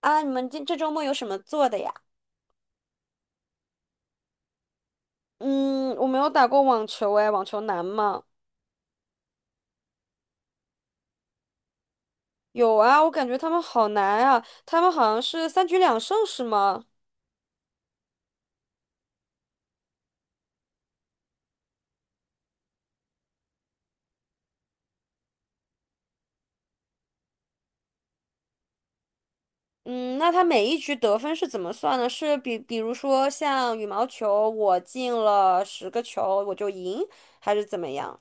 啊，你们今这周末有什么做的呀？嗯，我没有打过网球哎，网球难吗？有啊，我感觉他们好难啊，他们好像是三局两胜是吗？嗯，那他每一局得分是怎么算的？是比如说像羽毛球，我进了10个球我就赢，还是怎么样？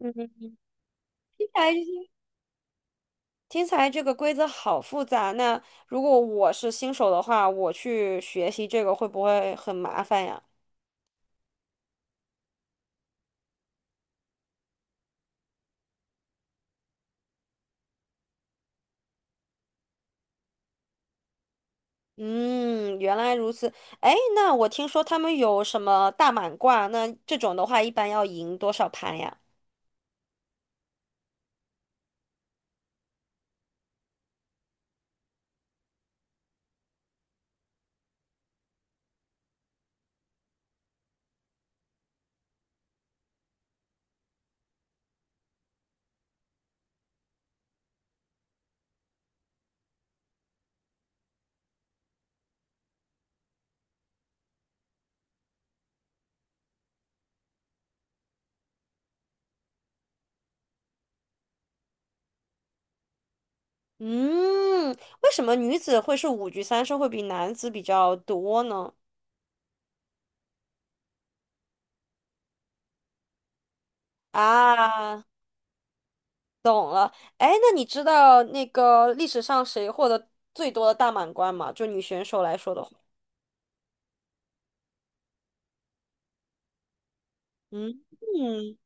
嗯，起来听起来这个规则好复杂。那如果我是新手的话，我去学习这个会不会很麻烦呀？嗯，原来如此。哎，那我听说他们有什么大满贯，那这种的话一般要赢多少盘呀？嗯，为什么女子会是五局三胜会比男子比较多呢？啊，哎，那你知道那个历史上谁获得最多的大满贯吗？就女选手来说的话，嗯嗯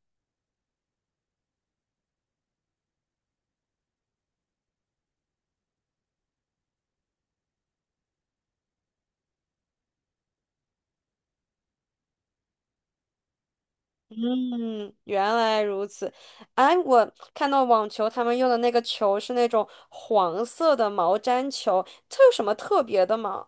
嗯，原来如此。哎，我看到网球他们用的那个球是那种黄色的毛毡球，它有什么特别的吗？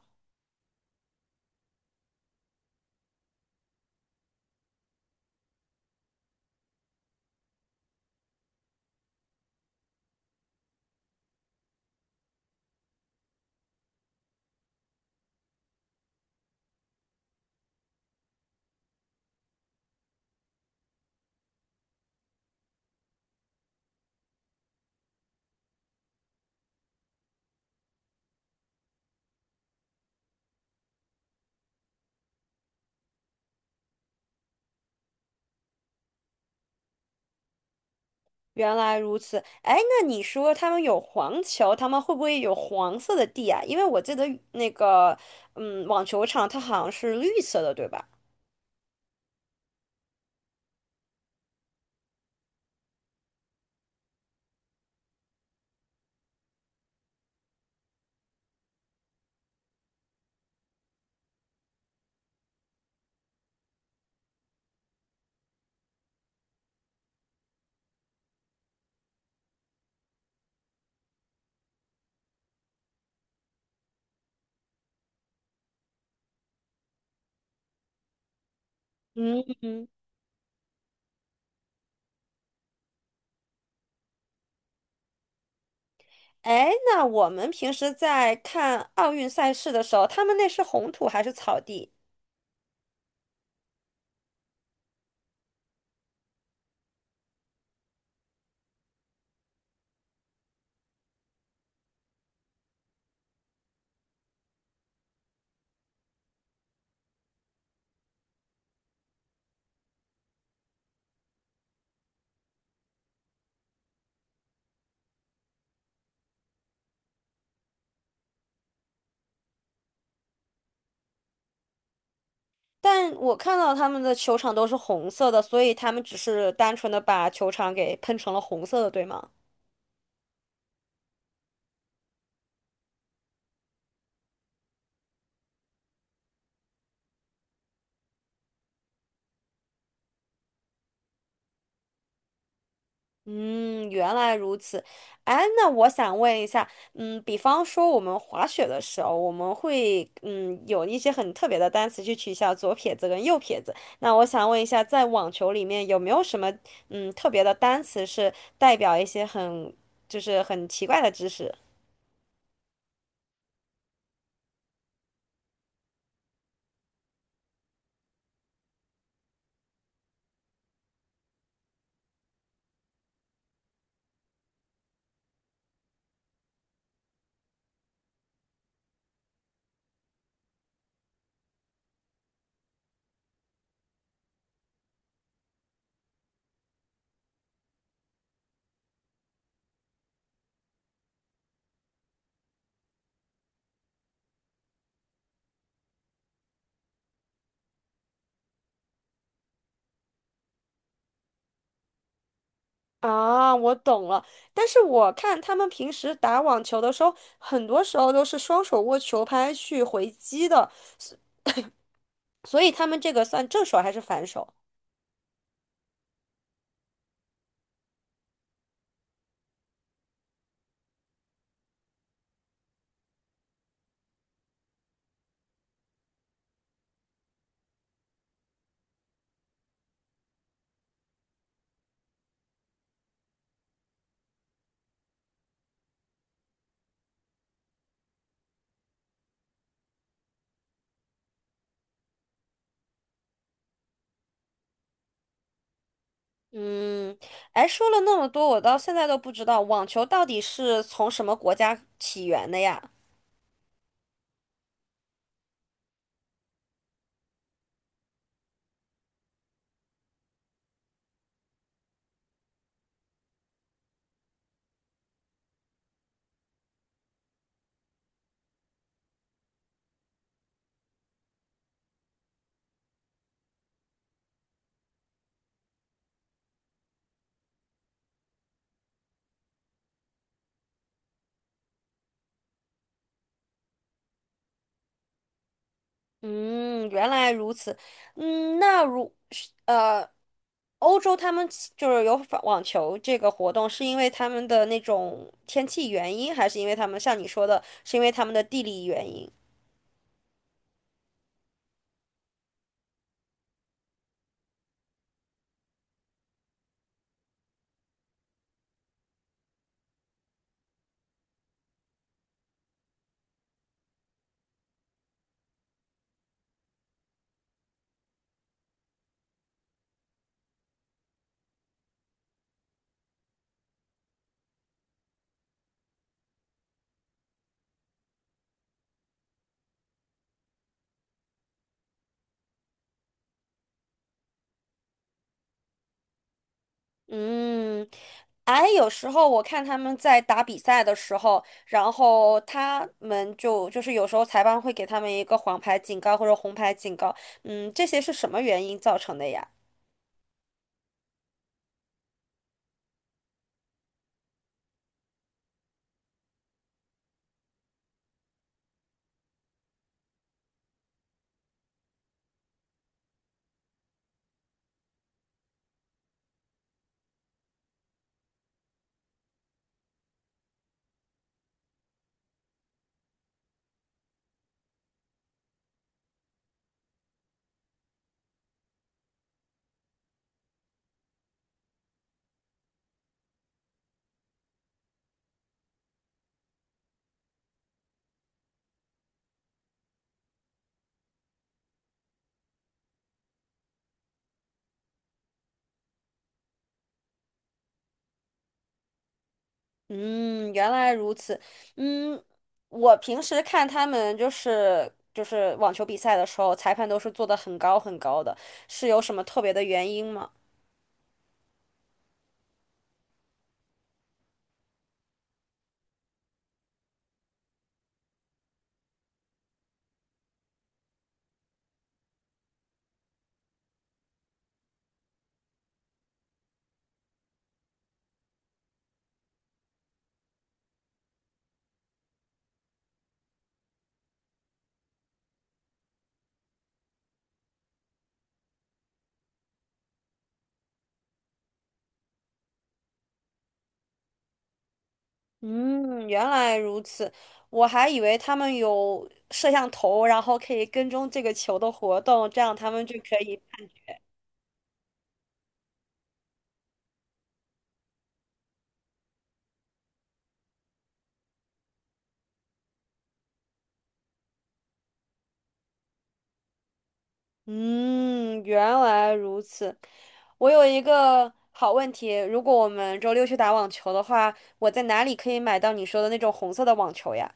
原来如此，哎，那你说他们有黄球，他们会不会有黄色的地啊？因为我记得那个，嗯，网球场它好像是绿色的，对吧？嗯嗯。哎，那我们平时在看奥运赛事的时候，他们那是红土还是草地？但我看到他们的球场都是红色的，所以他们只是单纯的把球场给喷成了红色的，对吗？嗯，原来如此。哎，那我想问一下，嗯，比方说我们滑雪的时候，我们会嗯有一些很特别的单词去取消左撇子跟右撇子。那我想问一下，在网球里面有没有什么嗯特别的单词是代表一些很就是很奇怪的知识？啊，我懂了。但是我看他们平时打网球的时候，很多时候都是双手握球拍去回击的，所以他们这个算正手还是反手？嗯，哎，说了那么多，我到现在都不知道网球到底是从什么国家起源的呀？嗯，原来如此。嗯，那如是欧洲他们起就是有法网球这个活动，是因为他们的那种天气原因，还是因为他们像你说的，是因为他们的地理原因？嗯，哎，有时候我看他们在打比赛的时候，然后他们就是有时候裁判会给他们一个黄牌警告或者红牌警告，嗯，这些是什么原因造成的呀？嗯，原来如此。嗯，我平时看他们就是网球比赛的时候，裁判都是做的很高很高的，是有什么特别的原因吗？嗯，原来如此，我还以为他们有摄像头，然后可以跟踪这个球的活动，这样他们就可以。嗯，原来如此。我有一个好问题，如果我们周六去打网球的话，我在哪里可以买到你说的那种红色的网球呀？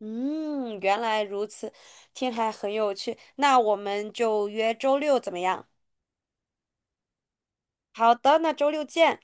嗯，原来如此，听还很有趣。那我们就约周六怎么样？好的，那周六见。